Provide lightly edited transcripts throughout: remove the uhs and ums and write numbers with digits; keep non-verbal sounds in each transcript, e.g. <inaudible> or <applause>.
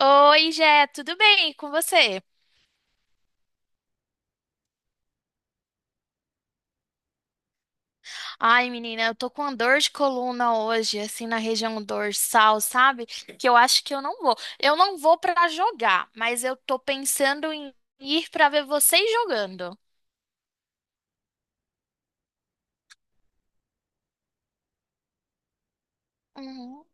Oi, Jé, tudo bem? E com você? Ai, menina, eu tô com uma dor de coluna hoje, assim, na região dorsal, sabe? Que eu acho que eu não vou. Eu não vou pra jogar, mas eu tô pensando em ir pra ver vocês jogando. Uhum.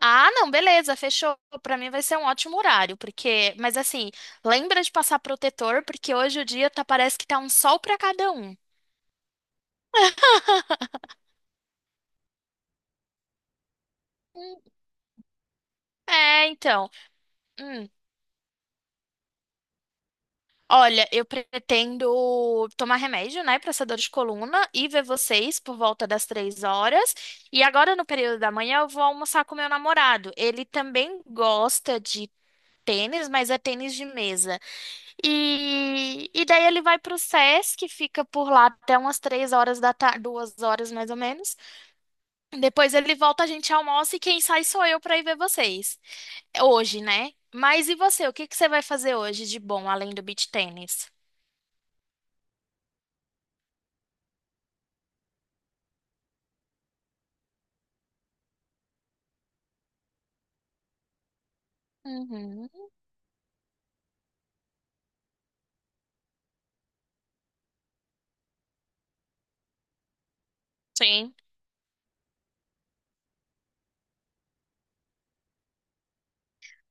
Ah, não, beleza, fechou. Pra mim vai ser um ótimo horário, porque, mas assim, lembra de passar protetor, porque hoje o dia tá, parece que tá um sol pra cada um. Hum, É, então. Olha, eu pretendo tomar remédio, né, para essa dor de coluna e ver vocês por volta das três horas. E agora, no período da manhã, eu vou almoçar com meu namorado. Ele também gosta de tênis, mas é tênis de mesa. E daí ele vai para o SESC, fica por lá até umas três horas da tarde, duas horas mais ou menos. Depois ele volta, a gente almoça e quem sai sou eu para ir ver vocês. Hoje, né? Mas e você? O que que você vai fazer hoje de bom, além do beach tênis? Uhum. Sim.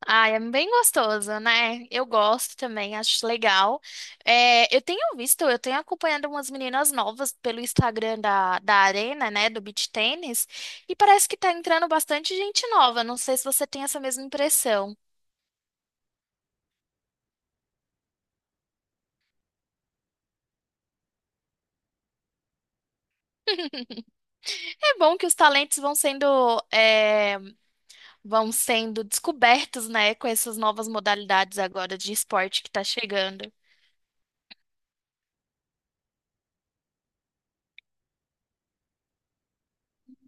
Ah, é bem gostoso, né? Eu gosto também, acho legal. É, eu tenho visto, eu tenho acompanhado umas meninas novas pelo Instagram da Arena, né, do Beach Tennis, e parece que tá entrando bastante gente nova. Não sei se você tem essa mesma impressão. <laughs> É bom que os talentos vão sendo, é, vão sendo descobertos, né, com essas novas modalidades agora de esporte que tá chegando.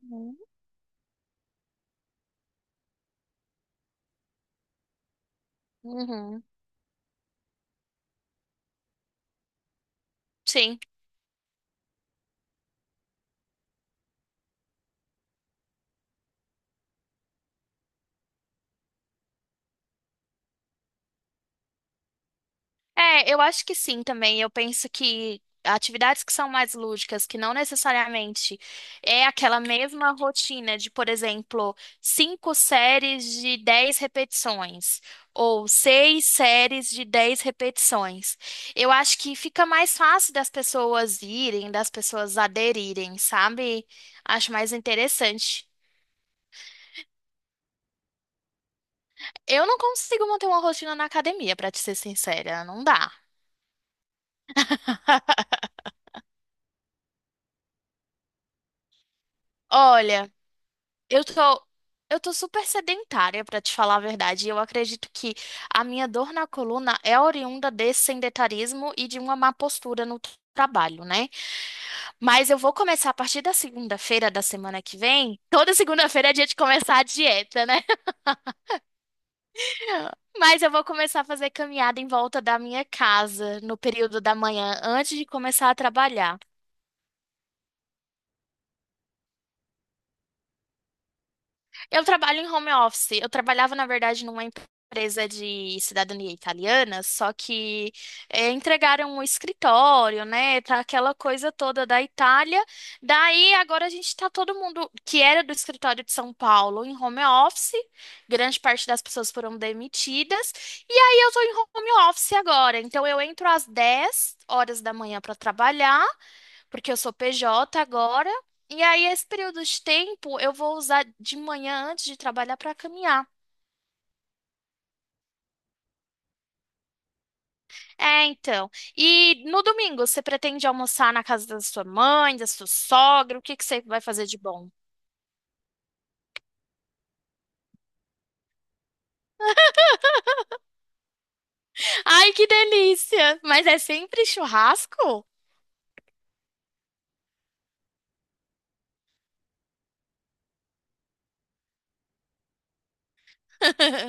Uhum. Uhum. Sim. É, eu acho que sim também. Eu penso que atividades que são mais lúdicas, que não necessariamente é aquela mesma rotina de, por exemplo, cinco séries de 10 repetições ou seis séries de 10 repetições. Eu acho que fica mais fácil das pessoas irem, das pessoas aderirem, sabe? Acho mais interessante. Eu não consigo manter uma rotina na academia, pra te ser sincera, não dá. <laughs> Olha. Eu tô, eu tô super sedentária, pra te falar a verdade. E eu acredito que a minha dor na coluna é oriunda desse sedentarismo e de uma má postura no trabalho, né? Mas eu vou começar a partir da segunda-feira da semana que vem. Toda segunda-feira é dia de começar a dieta, né? <laughs> Mas eu vou começar a fazer caminhada em volta da minha casa no período da manhã, antes de começar a trabalhar. Eu trabalho em home office. Eu trabalhava, na verdade, numa empresa de cidadania italiana, só que entregaram o escritório, né? Tá aquela coisa toda da Itália. Daí agora a gente tá todo mundo que era do escritório de São Paulo em home office. Grande parte das pessoas foram demitidas. E aí eu tô em home office agora. Então eu entro às 10 horas da manhã para trabalhar porque eu sou PJ agora. E aí, esse período de tempo, eu vou usar de manhã antes de trabalhar para caminhar. É, então. E no domingo, você pretende almoçar na casa da sua mãe, da sua sogra? O que que você vai fazer de bom? Ai, que delícia! Mas é sempre churrasco? <laughs>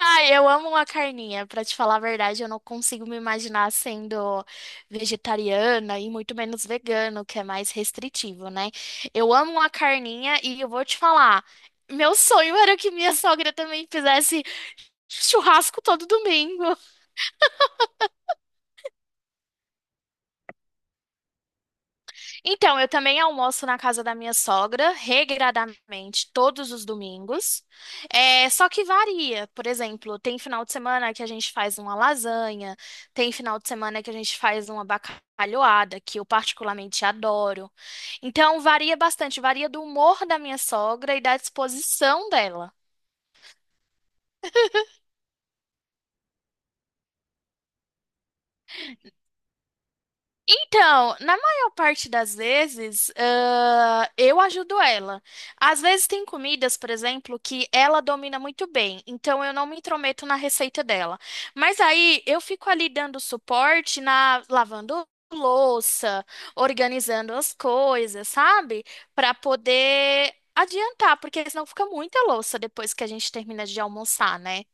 Ai, eu amo uma carninha. Pra te falar a verdade, eu não consigo me imaginar sendo vegetariana e muito menos vegano, que é mais restritivo, né? Eu amo uma carninha e eu vou te falar, meu sonho era que minha sogra também fizesse churrasco todo domingo. Então, eu também almoço na casa da minha sogra, regradamente, todos os domingos. É, só que varia. Por exemplo, tem final de semana que a gente faz uma lasanha, tem final de semana que a gente faz uma bacalhoada, que eu particularmente adoro. Então, varia bastante, varia do humor da minha sogra e da disposição dela. Então, na maior parte das vezes, ah, eu ajudo ela. Às vezes tem comidas, por exemplo, que ela domina muito bem, então eu não me intrometo na receita dela. Mas aí eu fico ali dando suporte na lavando louça, organizando as coisas, sabe? Para poder adiantar, porque senão fica muita louça depois que a gente termina de almoçar, né?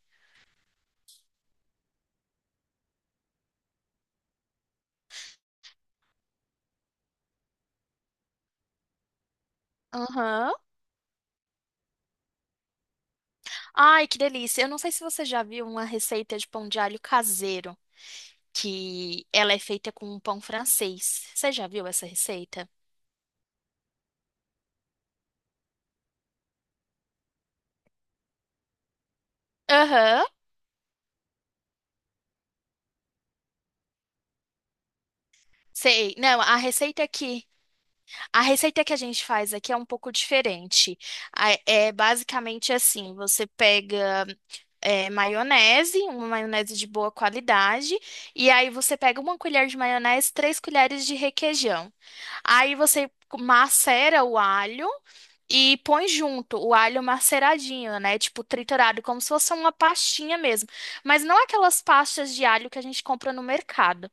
Aham. Ai, que delícia. Eu não sei se você já viu uma receita de pão de alho caseiro, que ela é feita com um pão francês. Você já viu essa receita? Aham. Sei. Não, a receita que a gente faz aqui é um pouco diferente. É basicamente assim, você pega maionese, uma maionese de boa qualidade, e aí você pega uma colher de maionese, três colheres de requeijão. Aí você macera o alho e põe junto o alho maceradinho, né? Tipo triturado, como se fosse uma pastinha mesmo. Mas não aquelas pastas de alho que a gente compra no mercado.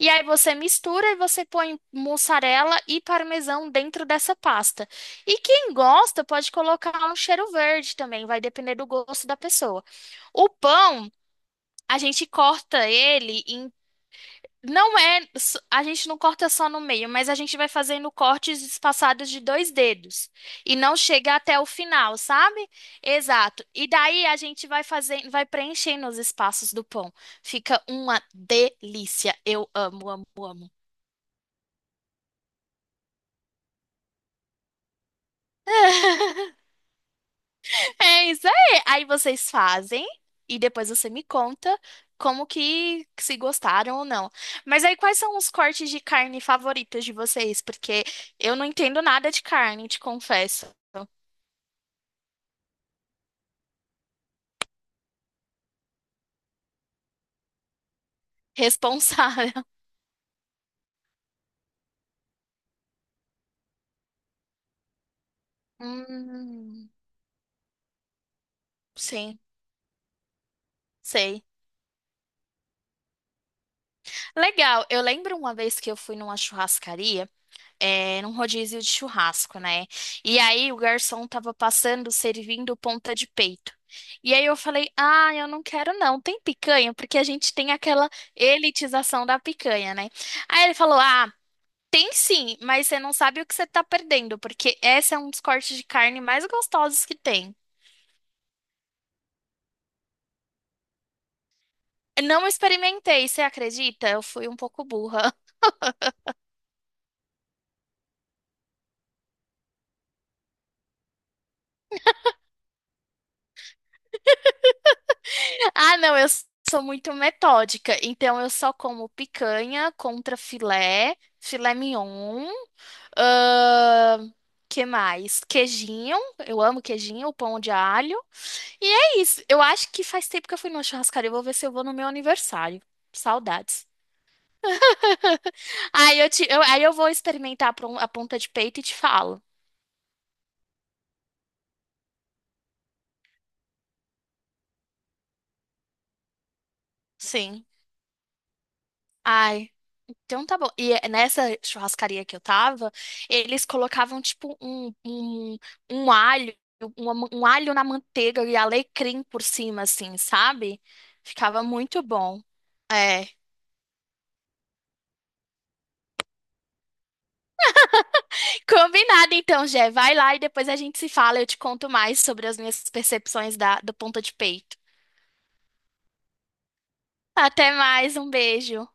E aí você mistura e você põe mussarela e parmesão dentro dessa pasta. E quem gosta pode colocar um cheiro verde também, vai depender do gosto da pessoa. O pão, a gente corta ele em não é, a gente não corta só no meio, mas a gente vai fazendo cortes espaçados de dois dedos e não chega até o final, sabe? Exato. E daí a gente vai fazendo, vai preenchendo os espaços do pão. Fica uma delícia. Eu amo, amo, amo. É isso aí. Aí vocês fazem e depois você me conta como que se gostaram ou não. Mas aí quais são os cortes de carne favoritos de vocês? Porque eu não entendo nada de carne, te confesso. Responsável. <laughs> Hum, sim, sei. Legal. Eu lembro uma vez que eu fui numa churrascaria, num rodízio de churrasco, né? E aí o garçom tava passando, servindo ponta de peito. E aí eu falei, ah, eu não quero não, tem picanha, porque a gente tem aquela elitização da picanha, né? Aí ele falou, ah, tem sim, mas você não sabe o que você tá perdendo, porque esse é um dos cortes de carne mais gostosos que tem. Eu Não experimentei, você acredita? Eu fui um pouco burra. Ah, não, eu sou muito metódica. Então eu só como picanha, contra filé, filé mignon. ahn, que mais? Queijinho. Eu amo queijinho, pão de alho. E é isso. Eu acho que faz tempo que eu fui numa churrascaria. Eu vou ver se eu vou no meu aniversário. Saudades. <laughs> Aí eu vou experimentar a a ponta de peito e te falo. Sim. Ai. Então tá bom. E nessa churrascaria que eu tava, eles colocavam tipo um alho, um alho na manteiga e alecrim por cima, assim, sabe? Ficava muito bom. É. Combinado então, Jé. Vai lá e depois a gente se fala. Eu te conto mais sobre as minhas percepções da, do ponta de peito. Até mais, um beijo.